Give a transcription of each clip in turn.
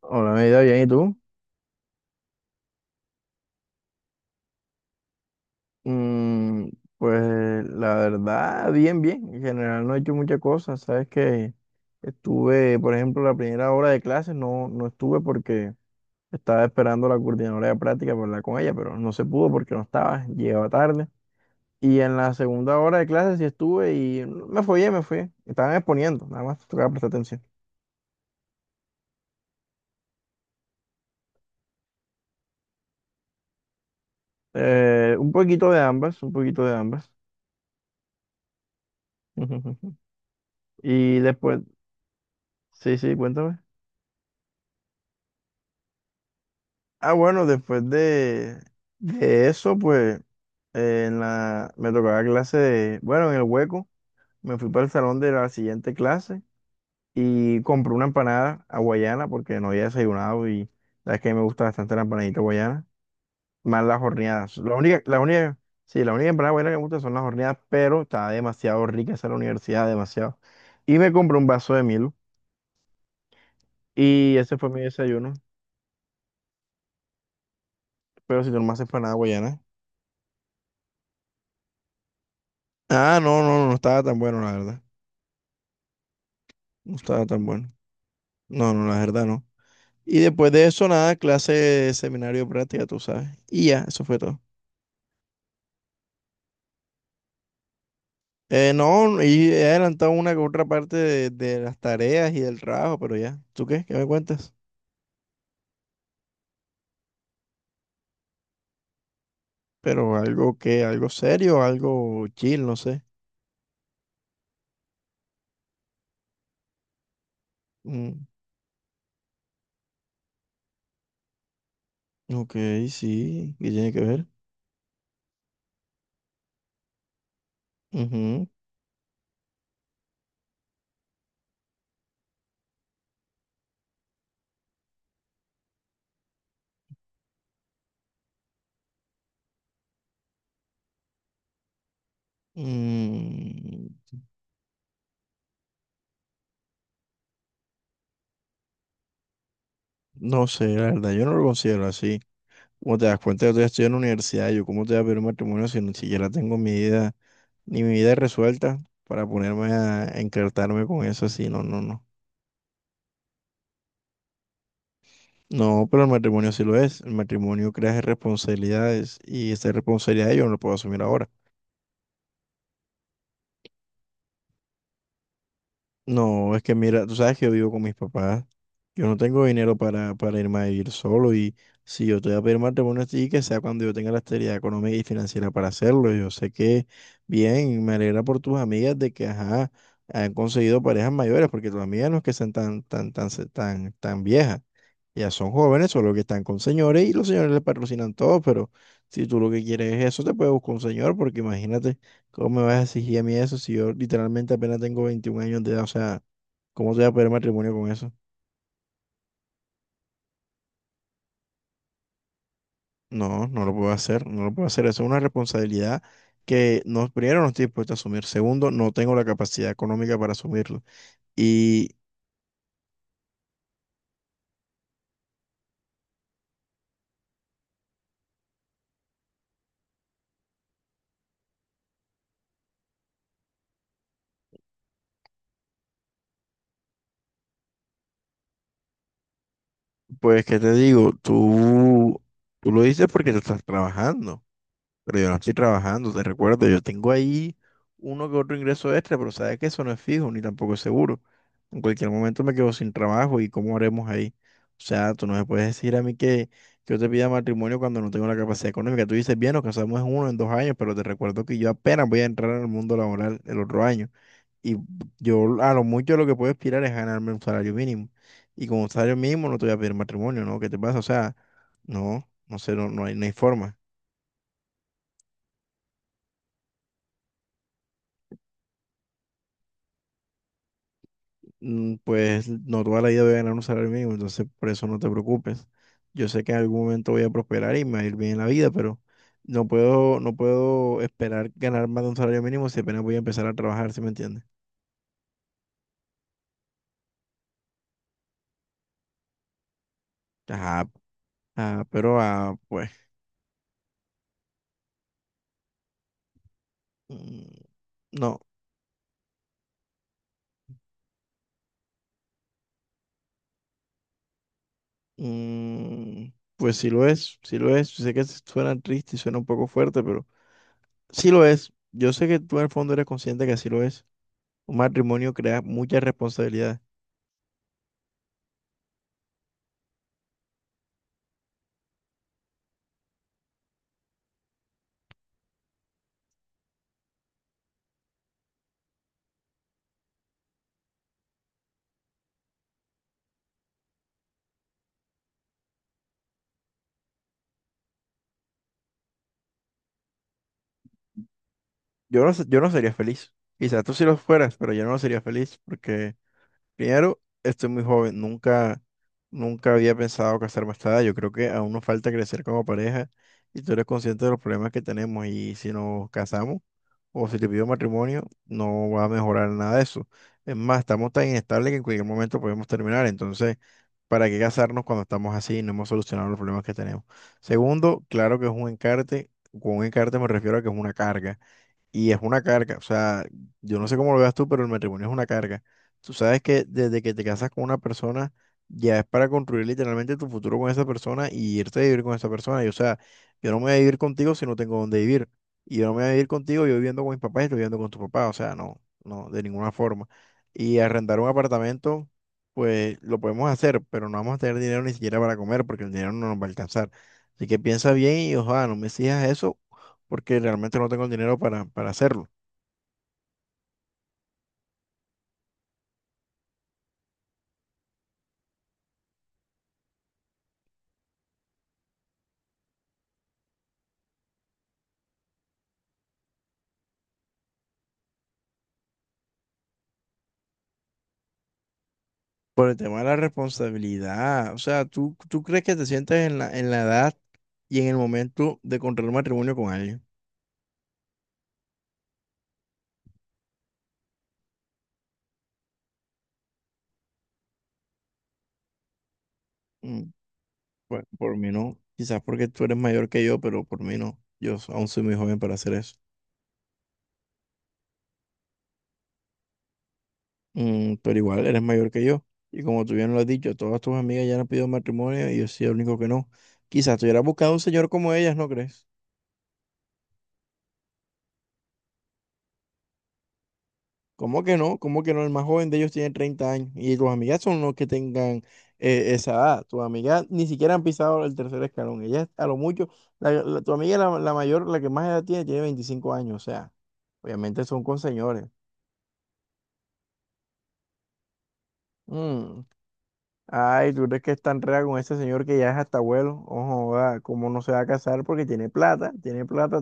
Hola, mi vida, bien, ¿y tú? Mm, pues la verdad, bien, bien. En general no he hecho muchas cosas. Sabes que estuve, por ejemplo, la primera hora de clases no, no estuve porque estaba esperando a la coordinadora de práctica para hablar con ella, pero no se pudo porque no estaba, llegaba tarde. Y en la segunda hora de clases sí estuve y me fui. Estaban exponiendo, nada más tocaba prestar atención. Un poquito de ambas, un poquito de ambas. Y después, sí, sí, cuéntame. Ah, bueno, después de eso, pues en la, me tocaba clase bueno, en el hueco, me fui para el salón de la siguiente clase y compré una empanada hawaiana porque no había desayunado y la verdad es que me gusta bastante la empanadita hawaiana, más las horneadas. Sí, la única empanada hawaiana que me gusta son las horneadas, pero estaba demasiado rica esa en la universidad, demasiado. Y me compré un vaso de Milo y ese fue mi desayuno, pero si tú no me haces empanada hawaiana. Ah, no, no, no no estaba tan bueno, la verdad. No estaba tan bueno. No, no, la verdad no. Y después de eso, nada, clase, seminario, práctica, tú sabes. Y ya, eso fue todo. No, y he adelantado una que otra parte de las tareas y del trabajo, pero ya. ¿Tú qué? ¿Qué me cuentas? Pero algo serio, algo chill, no sé. Mm, ok, sí, ¿qué tiene que ver? Ujú. Mm, no sé, la verdad, yo no lo considero así. Como te das cuenta, yo todavía estoy en la universidad, yo cómo te voy a pedir un matrimonio si ni siquiera tengo mi vida ni mi vida es resuelta para ponerme a encartarme con eso así, no, no, no. No, pero el matrimonio sí lo es. El matrimonio crea responsabilidades y esa responsabilidad yo no la puedo asumir ahora. No, es que mira, tú sabes que yo vivo con mis papás. Yo no tengo dinero para irme a vivir solo y si yo te voy a pedir matrimonio a ti, que sea cuando yo tenga la estabilidad económica y financiera para hacerlo. Yo sé que bien, me alegra por tus amigas de que, ajá, han conseguido parejas mayores, porque tus amigas no es que sean tan viejas. Ya son jóvenes, solo que están con señores y los señores les patrocinan todo, pero si tú lo que quieres es eso, te puedes buscar un señor, porque imagínate, ¿cómo me vas a exigir a mí eso si yo literalmente apenas tengo 21 años de edad? O sea, ¿cómo te voy a pedir matrimonio con eso? No, no lo puedo hacer, no lo puedo hacer. Eso es una responsabilidad que no, primero no estoy dispuesto a asumir, segundo, no tengo la capacidad económica para asumirlo. Y pues, ¿qué te digo? Tú lo dices porque tú estás trabajando. Pero yo no estoy trabajando, te recuerdo, yo tengo ahí uno que otro ingreso extra, pero sabes que eso no es fijo ni tampoco es seguro. En cualquier momento me quedo sin trabajo y ¿cómo haremos ahí? O sea, tú no me puedes decir a mí que yo te pida matrimonio cuando no tengo la capacidad económica. Tú dices, bien, nos casamos en dos años, pero te recuerdo que yo apenas voy a entrar al mundo laboral el otro año. Y yo a lo mucho lo que puedo aspirar es ganarme un salario mínimo. Y con un salario mínimo no te voy a pedir matrimonio, ¿no? ¿Qué te pasa? O sea, no, no sé, no, no hay, no hay forma. Pues no toda la vida voy a ganar un salario mínimo, entonces por eso no te preocupes. Yo sé que en algún momento voy a prosperar y me va a ir bien en la vida, pero no puedo, no puedo esperar ganar más de un salario mínimo si apenas voy a empezar a trabajar, ¿sí me entiendes? Ajá, ah, pero ah, pues mm, no, mm, pues sí lo es, sí lo es. Sé que suena triste y suena un poco fuerte, pero sí lo es. Yo sé que tú en el fondo eres consciente que así lo es. Un matrimonio crea muchas responsabilidades. Yo no, yo no sería feliz. Quizás tú sí lo fueras, pero yo no sería feliz porque, primero, estoy muy joven. Nunca, nunca había pensado casarme a esta edad. Yo creo que aún nos falta crecer como pareja y tú eres consciente de los problemas que tenemos. Y si nos casamos o si te pido matrimonio, no va a mejorar nada de eso. Es más, estamos tan inestables que en cualquier momento podemos terminar. Entonces, ¿para qué casarnos cuando estamos así y no hemos solucionado los problemas que tenemos? Segundo, claro que es un encarte. Con un encarte me refiero a que es una carga. Y es una carga, o sea, yo no sé cómo lo veas tú, pero el matrimonio es una carga. Tú sabes que desde que te casas con una persona, ya es para construir literalmente tu futuro con esa persona y irte a vivir con esa persona. Y o sea, yo no me voy a vivir contigo si no tengo dónde vivir. Y yo no me voy a vivir contigo, yo viviendo con mis papás y tú viviendo con tu papá. O sea, no, no, de ninguna forma. Y arrendar un apartamento, pues lo podemos hacer, pero no vamos a tener dinero ni siquiera para comer porque el dinero no nos va a alcanzar. Así que piensa bien y ojalá no me exijas eso porque realmente no tengo el dinero para hacerlo. Por el tema de la responsabilidad, o sea, ¿tú crees que te sientes en la, edad y en el momento de contraer matrimonio con alguien? Mm, Pues por mí no, quizás porque tú eres mayor que yo, pero por mí no. Yo aún soy muy joven para hacer eso. Pero igual eres mayor que yo. Y como tú bien lo has dicho, todas tus amigas ya han pedido matrimonio y yo soy el único que no. Quizás tú hubieras buscado un señor como ellas, ¿no crees? ¿Cómo que no? ¿Cómo que no? El más joven de ellos tiene 30 años y tus amigas son los que tengan esa edad. Tus amigas ni siquiera han pisado el tercer escalón. Ellas a lo mucho, tu amiga la mayor, la que más edad tiene, tiene 25 años. O sea, obviamente son con señores. Mm. Ay, ¿tú crees que es tan rea con ese señor que ya es hasta abuelo? Ojo, ah, ¿cómo no se va a casar? Porque tiene plata, tiene plata.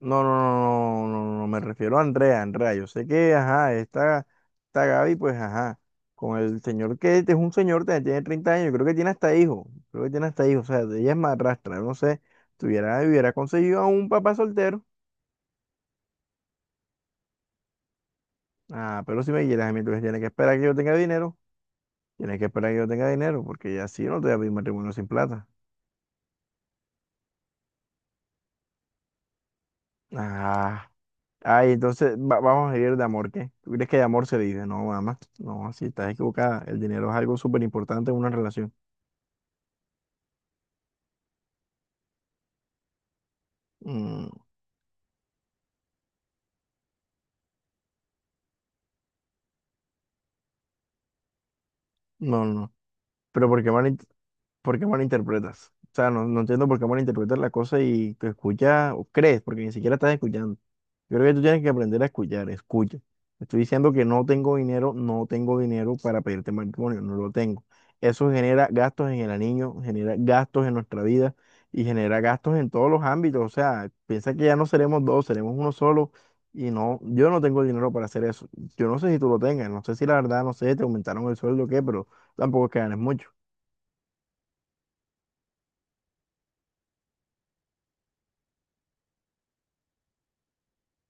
No, no, no, no, no, no, me refiero a Andrea, Andrea, yo sé que, ajá, esta Gaby, pues, ajá, con el señor que es un señor, tiene 30 años, creo que tiene hasta hijo, creo que tiene hasta hijo, o sea, ella es madrastra, no sé, tuviera, hubiera conseguido a un papá soltero, ah, pero si me quieres a mí, entonces tienes que esperar que yo tenga dinero, tienes que esperar que yo tenga dinero, porque ya sí, yo no te voy a pedir matrimonio sin plata, ah, ay, entonces, vamos a ir de amor, ¿qué? ¿Tú crees que de amor se vive? No, mamá, no, así estás equivocada, el dinero es algo súper importante en una relación. Mm, no, no. Pero por qué malinterpretas? O sea, no, no entiendo por qué malinterpretas la cosa y te escuchas o crees, porque ni siquiera estás escuchando. Yo creo que tú tienes que aprender a escuchar, escucha. Te estoy diciendo que no tengo dinero, no tengo dinero para pedirte matrimonio, no lo tengo. Eso genera gastos en el anillo, genera gastos en nuestra vida y genera gastos en todos los ámbitos. O sea, piensa que ya no seremos dos, seremos uno solo y no, yo no tengo el dinero para hacer eso. Yo no sé si tú lo tengas, no sé si la verdad, no sé, te aumentaron el sueldo o qué, pero tampoco es que ganes mucho.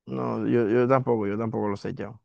No, yo tampoco, yo tampoco lo sé, chao.